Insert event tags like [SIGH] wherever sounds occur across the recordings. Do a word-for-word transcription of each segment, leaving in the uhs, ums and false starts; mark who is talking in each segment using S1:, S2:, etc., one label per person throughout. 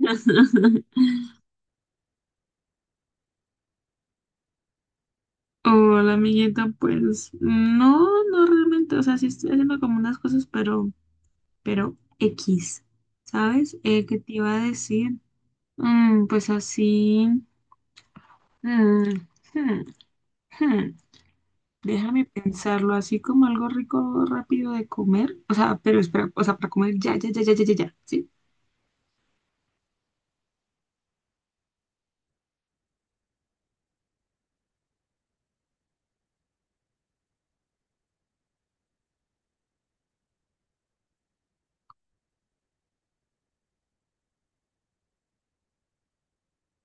S1: [LAUGHS] Hola, amiguita, pues no, no realmente, o sea, sí estoy haciendo como unas cosas, pero, pero X, ¿sabes? Eh, ¿qué te iba a decir? Mm, pues así, mm, hmm, hmm, déjame pensarlo, así como algo rico, rápido de comer, o sea, pero espera, o sea, para comer ya, ya, ya, ya, ya, ya, ya, ¿sí?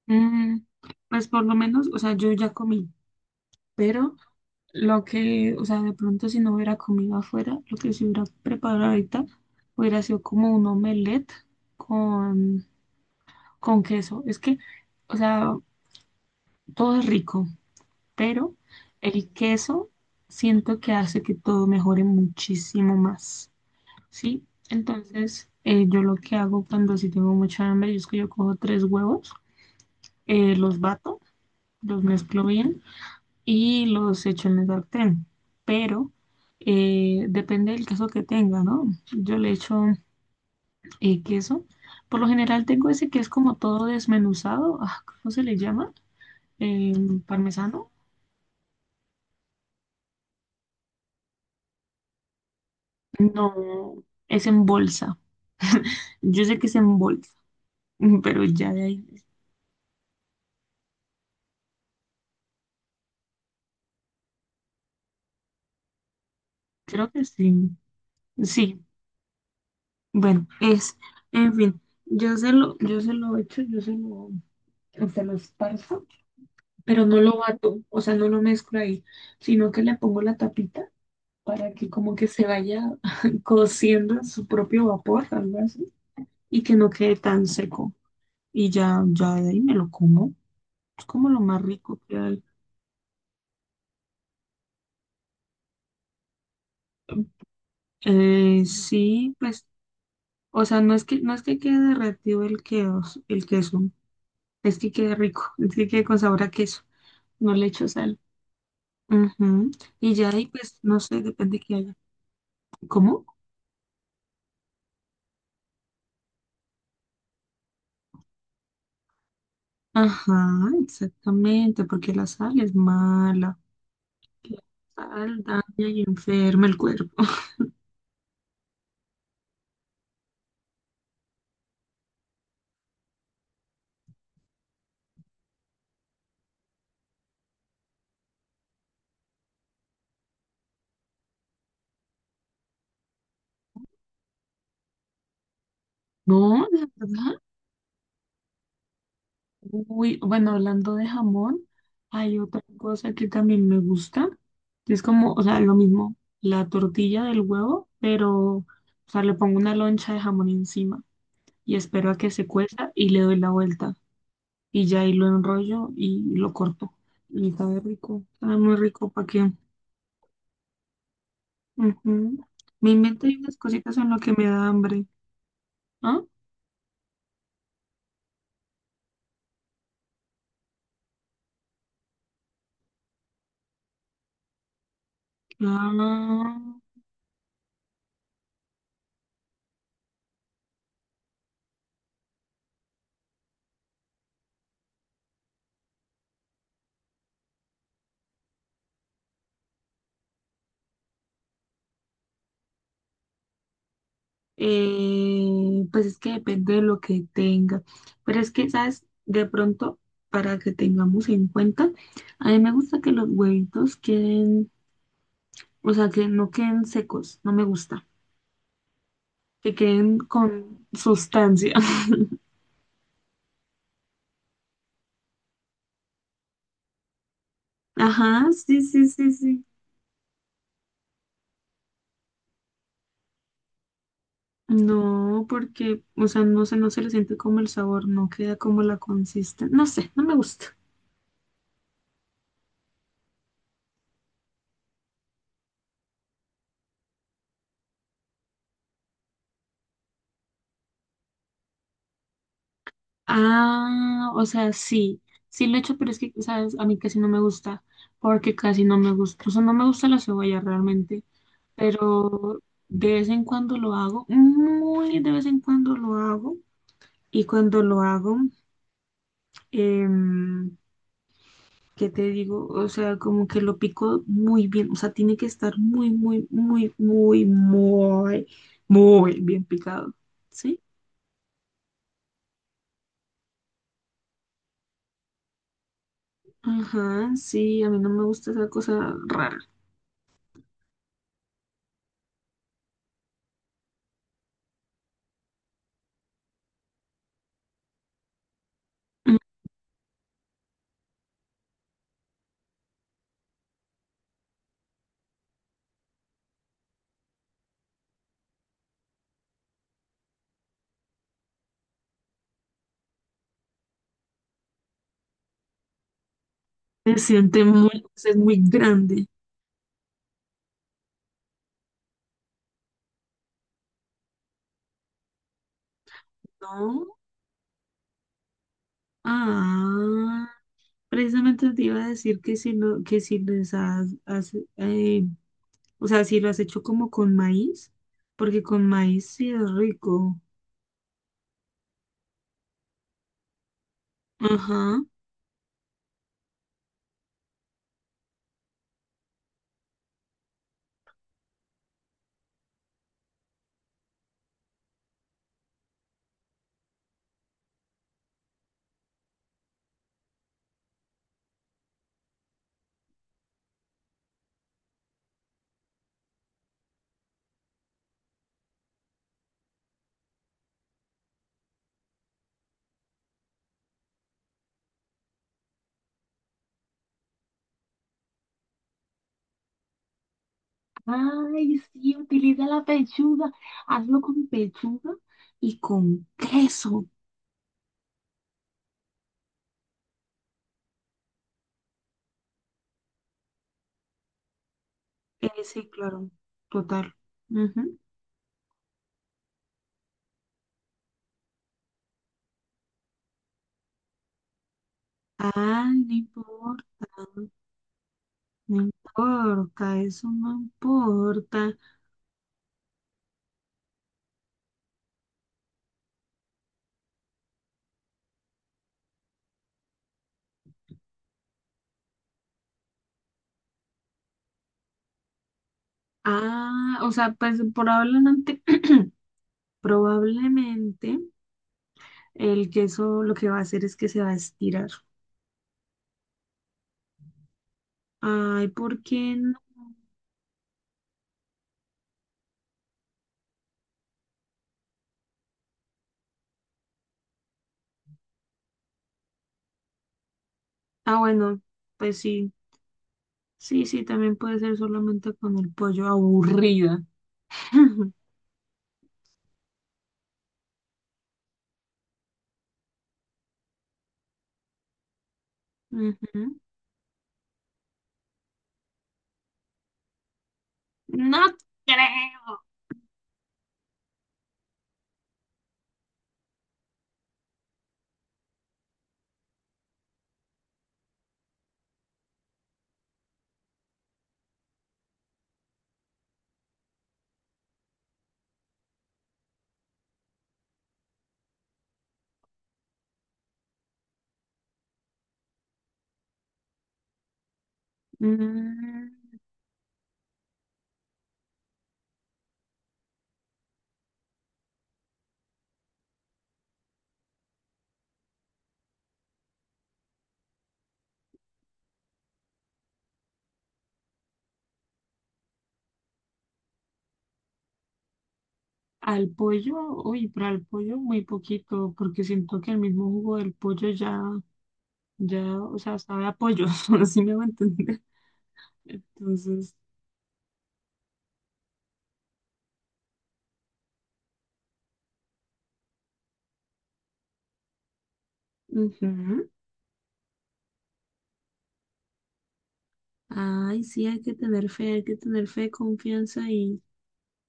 S1: Mm, pues por lo menos, o sea, yo ya comí, pero... Lo que, o sea, de pronto si no hubiera comido afuera, lo que se hubiera preparado ahorita hubiera sido como un omelette con, con queso. Es que, o sea, todo es rico, pero el queso siento que hace que todo mejore muchísimo más, ¿sí? Entonces, eh, yo lo que hago cuando si tengo mucha hambre, yo es que yo cojo tres huevos, eh, los bato, los mezclo bien y los echo en el sartén. Pero eh, depende del queso que tenga, ¿no? Yo le echo eh, queso. Por lo general tengo ese que es como todo desmenuzado. Ah, ¿cómo se le llama? ¿El parmesano? No, es en bolsa. Yo sé que es en bolsa, [LAUGHS] pero ya de ahí, creo que sí. Sí, bueno, es, en fin, yo se lo, yo se lo echo, yo se lo, se lo esparzo pero no lo bato, o sea, no lo mezclo ahí, sino que le pongo la tapita para que como que se vaya [LAUGHS] cociendo en su propio vapor, algo así, y que no quede tan seco. Y ya, ya de ahí me lo como. Es como lo más rico que hay. Eh, sí, pues, o sea, no es que, no es que quede derretido el queso, el queso, es que quede rico, [LAUGHS] es que quede con sabor a queso. No le echo sal. Ujú. Y ya de ahí, pues, no sé, depende que haya. ¿Cómo? Ajá, exactamente, porque la sal es mala. La sal daña y enferma el cuerpo. [LAUGHS] No, de verdad. Uy, bueno, hablando de jamón, hay otra cosa que también me gusta. Es como, o sea, lo mismo, la tortilla del huevo, pero, o sea, le pongo una loncha de jamón encima y espero a que se cueza y le doy la vuelta. Y ya ahí lo enrollo y lo corto. Y sabe rico, sabe muy rico, ¿para qué? Ujú. Me invento ahí unas cositas en lo que me da hambre. ¿Ah? Ah, eh, pues es que depende de lo que tenga. Pero es que, ¿sabes? De pronto, para que tengamos en cuenta, a mí me gusta que los huevitos queden, o sea, que no queden secos, no me gusta. Que queden con sustancia. [LAUGHS] Ajá, sí, sí, sí, sí. No, porque, o sea, no sé, no se le siente como el sabor, no queda como la consistencia. No sé, no me gusta. Ah, o sea, sí, sí lo he hecho, pero es que, ¿sabes? A mí casi no me gusta, porque casi no me gusta, o sea, no me gusta la cebolla realmente, pero de vez en cuando lo hago, muy de vez en cuando lo hago, y cuando lo hago, em, ¿qué te digo? O sea, como que lo pico muy bien, o sea, tiene que estar muy, muy, muy, muy, muy, muy bien picado, ¿sí? Ajá, sí, a mí no me gusta esa cosa rara. Se siente muy, pues, es muy grande, ¿no? Ah, precisamente te iba a decir que si no, que si les has, has, eh, o sea, si lo has hecho como con maíz, porque con maíz sí es rico. Ajá. Ay, sí, utiliza la pechuga. Hazlo con pechuga y con queso. Eh, sí, claro, total. Ujú. Ay, no importa, no importa, eso no importa. Ah, o sea, pues probablemente, [CLEARS THROAT] probablemente el queso lo que va a hacer es que se va a estirar. Ay, ¿por qué no? Ah, bueno, pues sí, sí, sí, también puede ser solamente con el pollo aburrida. [LAUGHS] Ujú. No creo. Mm, al pollo, uy, para el pollo muy poquito, porque siento que el mismo jugo del pollo ya, ya, o sea, sabe a pollo, [LAUGHS] así me va a entender. Entonces. Ujú. Ay, sí, hay que tener fe, hay que tener fe, confianza y,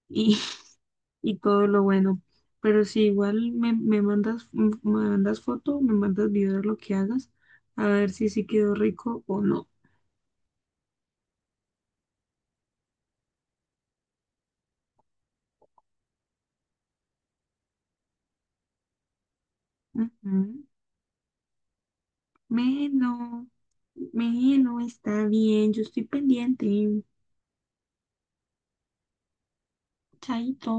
S1: y, [LAUGHS] y todo lo bueno. Pero si igual me, me mandas, me mandas foto, me mandas video de lo que hagas, a ver si sí quedó rico o no. Ujú. Melo, melo, está bien, yo estoy pendiente. Chaito.